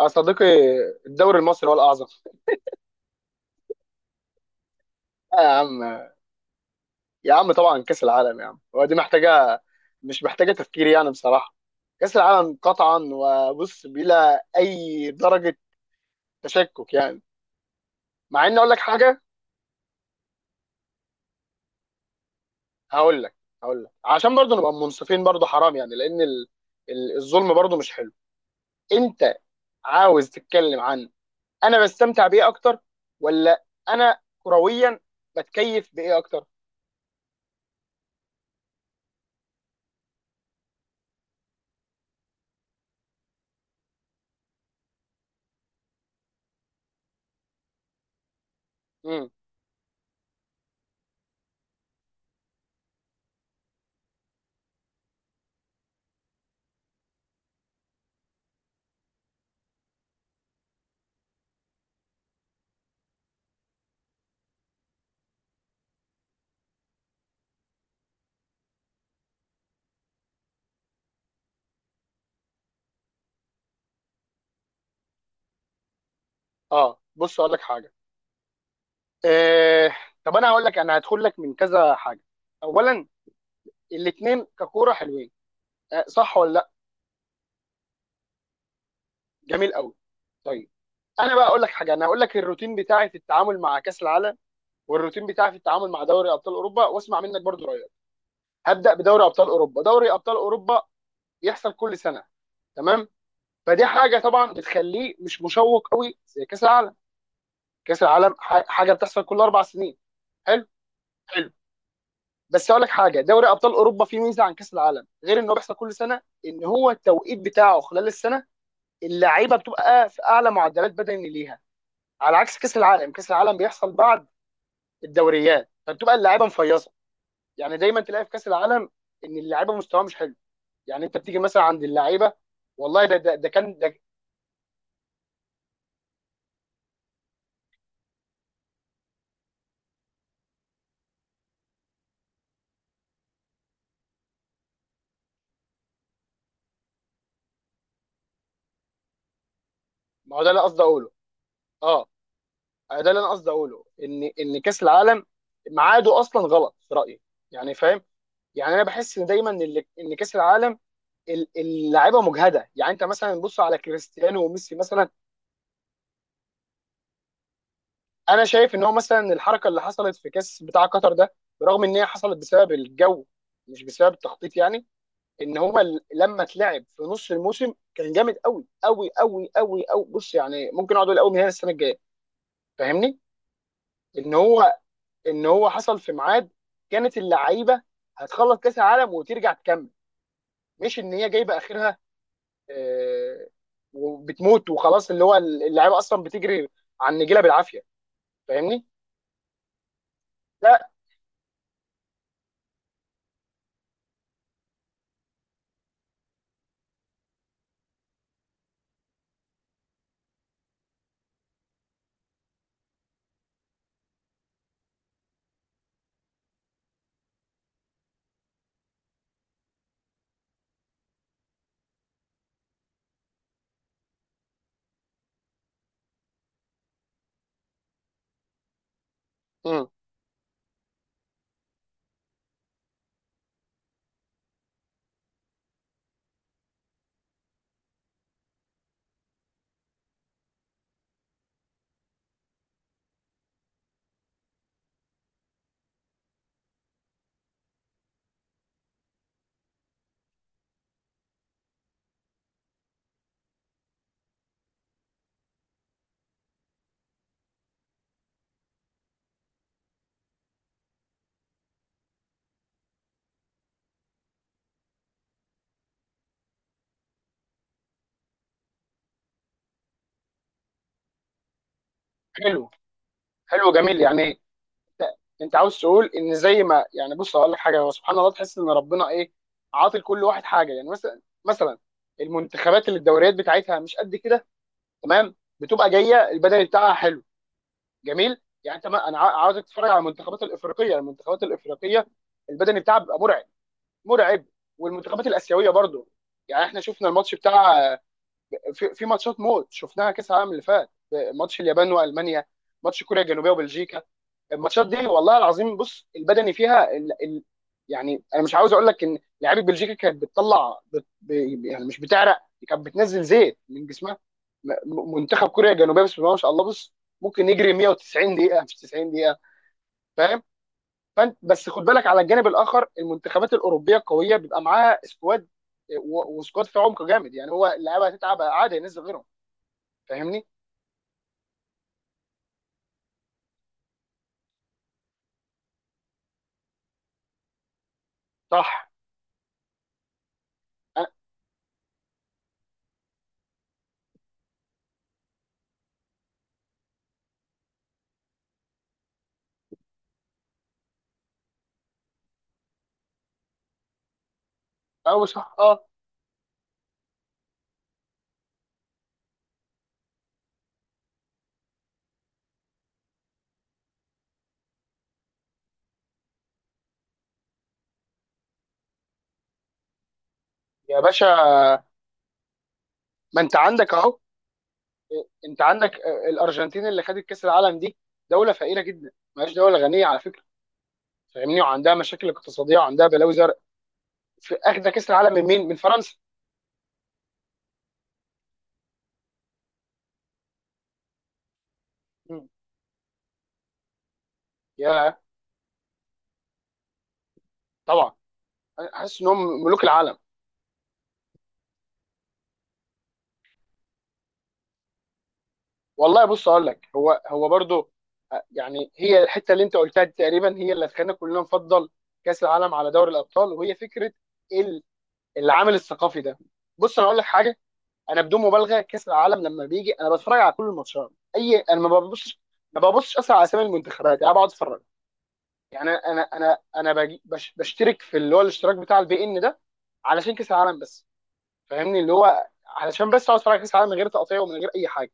يا صديقي، الدوري المصري هو الأعظم. آه يا عم، يا عم طبعا كأس العالم يا عم، ودي محتاجة. مش محتاجة تفكير يعني بصراحة. كأس العالم قطعا وبص بلا أي درجة تشكك يعني. مع إني أقول لك حاجة. هقول لك هقول لك عشان برضه نبقى منصفين برضه حرام يعني. لأن الظلم برضه مش حلو. أنت عاوز تتكلم عن أنا بستمتع بإيه أكتر، ولا أنا كرويا بتكيف بإيه أكتر؟ امم بص أقول لك حاجة. آه طب انا هقول لك، انا هدخل لك من كذا حاجه. اولا، الاثنين ككوره حلوين، آه صح ولا لا؟ جميل قوي، طيب. انا بقى اقول لك حاجه، انا هقول لك الروتين بتاعي في التعامل مع كاس العالم والروتين بتاعي في التعامل مع دوري ابطال اوروبا، واسمع منك برضو رايك. هبدا بدوري ابطال اوروبا. دوري ابطال اوروبا يحصل كل سنه، تمام. فدي حاجه طبعا بتخليه مش مشوق قوي زي كاس العالم. كاس العالم حاجه بتحصل كل اربع سنين، حلو. بس اقول لك حاجه، دوري ابطال اوروبا فيه ميزه عن كاس العالم غير انه بيحصل كل سنه، ان هو التوقيت بتاعه خلال السنه اللعيبه بتبقى في اعلى معدلات بدني ليها، على عكس كاس العالم. كاس العالم بيحصل بعد الدوريات فبتبقى اللعيبه مفيصه. يعني دايما تلاقي في كاس العالم ان اللعيبه مستواها مش حلو. يعني انت بتيجي مثلا عند اللعيبه، والله ده كان ده. ما هو ده اللي انا قصدي اقوله. اه ده اللي انا قصدي اقوله ان كاس العالم ميعاده اصلا غلط في رايي، يعني فاهم. يعني انا بحس ان دايما ان إن كاس العالم اللاعيبه مجهده. يعني انت مثلا بص على كريستيانو وميسي مثلا. انا شايف ان هو مثلا الحركه اللي حصلت في كاس بتاع قطر ده، برغم ان هي حصلت بسبب الجو مش بسبب التخطيط يعني، ان هو لما اتلعب في نص الموسم كان جامد قوي قوي قوي قوي قوي. بص يعني ممكن اقعد اقول قوي من هنا السنه الجايه، فاهمني؟ ان هو ان هو حصل في ميعاد كانت اللعيبه هتخلص كاس العالم وترجع تكمل، مش ان هي جايبه اخرها، آه، وبتموت وخلاص. اللي هو اللعيبه اصلا بتجري على النجيله بالعافيه، فاهمني؟ لا. مم. حلو، حلو جميل يعني. انت عاوز تقول ان زي ما يعني، بص هقول لك حاجه، هو سبحان الله تحس ان ربنا ايه، عاطي لكل واحد حاجه. يعني مثلا المنتخبات اللي الدوريات بتاعتها مش قد كده، تمام، بتبقى جايه البدني بتاعها حلو، جميل يعني. انت ما انا عاوزك تتفرج على المنتخبات الافريقيه، المنتخبات الافريقيه البدني بتاعها بيبقى مرعب، مرعب. والمنتخبات الاسيويه برضو. يعني احنا شفنا الماتش بتاع، في ماتشات موت شفناها كاس العالم اللي فات، ماتش اليابان والمانيا، ماتش كوريا الجنوبيه وبلجيكا. الماتشات دي والله العظيم بص البدني فيها يعني انا مش عاوز اقول لك ان لعيبه بلجيكا كانت بتطلع يعني مش بتعرق، كانت بتنزل زيت من جسمها. منتخب كوريا الجنوبيه بسم الله ما شاء الله، بص ممكن يجري 190 دقيقه مش 90 دقيقه، فاهم؟ فانت بس خد بالك على الجانب الاخر، المنتخبات الاوروبيه القويه بيبقى معاها سكواد، و- وسكواد في عمق جامد. يعني هو اللعيبه هتتعب عادي ينزل غيرهم، فاهمني؟ صح. أ- او صح، اه. يا باشا ما انت عندك اهو. انت عندك الارجنتين اللي خدت كاس العالم دي دوله فقيره جدا، مش دوله غنيه على فكره. فاهمني، وعندها مشاكل اقتصاديه وعندها بلاوي زرق. في اخذ كاس العالم من مين، من فرنسا. مم. يا طبعا، أنا حاسس انهم ملوك العالم. والله بص اقول لك، هو برضو. يعني هي الحته اللي انت قلتها دي تقريبا هي اللي خلينا كلنا نفضل كاس العالم على دوري الابطال، وهي فكره ال- العامل الثقافي ده. بص انا اقول لك حاجه، انا بدون مبالغه كاس العالم لما بيجي انا بتفرج على كل الماتشات، اي انا ما ببصش اصلا على اسامي المنتخبات. انا بقعد اتفرج. يعني انا بشترك في اللي هو الاشتراك بتاع البي ان ده علشان كاس العالم بس، فاهمني. اللي هو علشان بس اقعد اتفرج على كاس العالم من غير تقطيع ومن غير اي حاجه.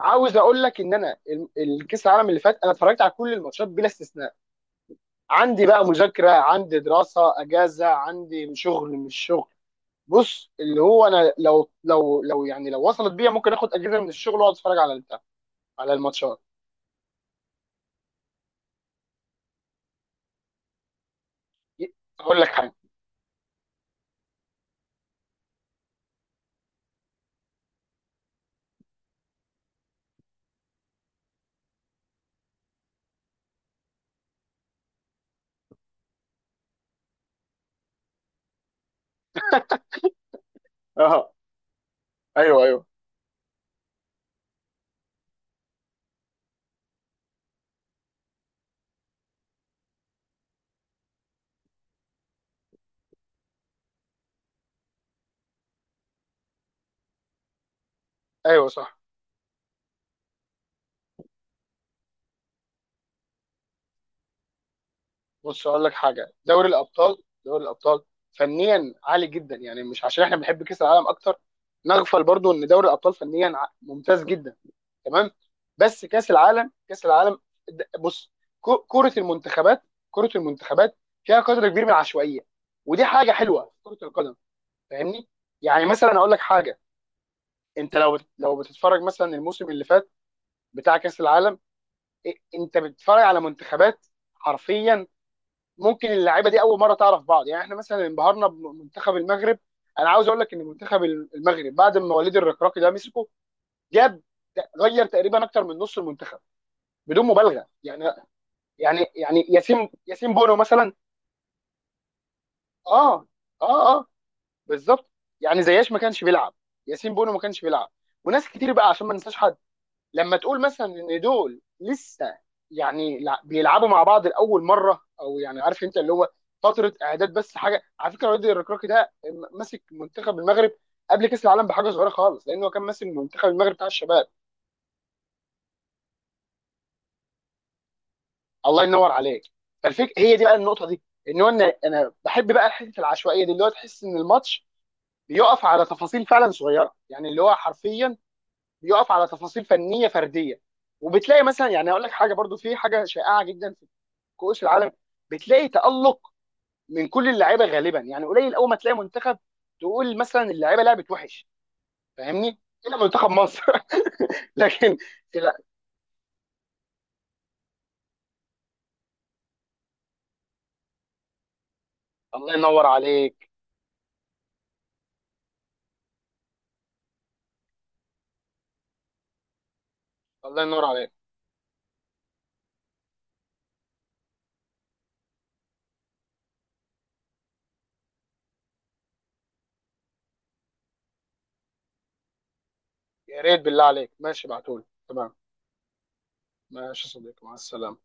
عاوز اقول لك ان انا الكاس العالم اللي فات انا اتفرجت على كل الماتشات بلا استثناء. عندي بقى مذاكره، عندي دراسه، اجازه، عندي شغل مش شغل. بص، اللي هو انا لو يعني لو وصلت بيا ممكن اخد اجازه من الشغل واقعد اتفرج على البتاع، على الماتشات. ي- اقول لك حاجه. اه، ايوه، ايوه، ايوه صح. بص اقول لك حاجه، دوري الابطال، دوري الابطال فنيا عالي جدا. يعني مش عشان احنا بنحب كاس العالم اكتر نغفل برضو ان دوري الابطال فنيا ممتاز جدا، تمام. بس كاس العالم كاس العالم، بص. كره المنتخبات، كره المنتخبات فيها قدر كبير من العشوائيه، ودي حاجه حلوه في كره القدم، فاهمني. يعني مثلا اقول لك حاجه، انت لو بتتفرج مثلا الموسم اللي فات بتاع كاس العالم، إيه، انت بتتفرج على منتخبات حرفيا ممكن اللعيبه دي اول مره تعرف بعض. يعني احنا مثلا انبهرنا بمنتخب المغرب. انا عاوز اقول لك ان منتخب المغرب بعد ما وليد الركراكي ده مسكه، جاب غير تقريبا اكتر من نص المنتخب بدون مبالغه يعني. يعني ياسين بونو مثلا. اه، اه، اه بالظبط. يعني زياش ما كانش بيلعب، ياسين بونو ما كانش بيلعب، وناس كتير بقى عشان ما ننساش. لما تقول مثلا ان دول لسه يعني بيلعبوا مع بعض لاول مره، او يعني عارف انت اللي هو فتره اعداد. بس حاجه على فكره، وادي الركراكي ده ماسك منتخب المغرب قبل كاس العالم بحاجه صغيره خالص، لانه كان ماسك منتخب المغرب بتاع الشباب. الله ينور عليك. فالفكره هي دي بقى، النقطه دي ان هو انا بحب بقى حته العشوائيه دي، اللي هو تحس ان الماتش بيقف على تفاصيل فعلا صغيره. يعني اللي هو حرفيا بيقف على تفاصيل فنيه فرديه. وبتلاقي مثلا يعني اقول لك حاجه برضو، في حاجه شائعه جدا كؤوس العالم، بتلاقي تألق من كل اللعيبه غالبا. يعني قليل اول ما تلاقي منتخب تقول مثلا اللعيبه لعبت وحش، فاهمني؟ الا منتخب مصر لكن. لا، الله ينور عليك، الله ينور عليك. يا ريت بالله عليك، ماشي ابعتولي، تمام. ماشي يا صديقي، مع السلامه.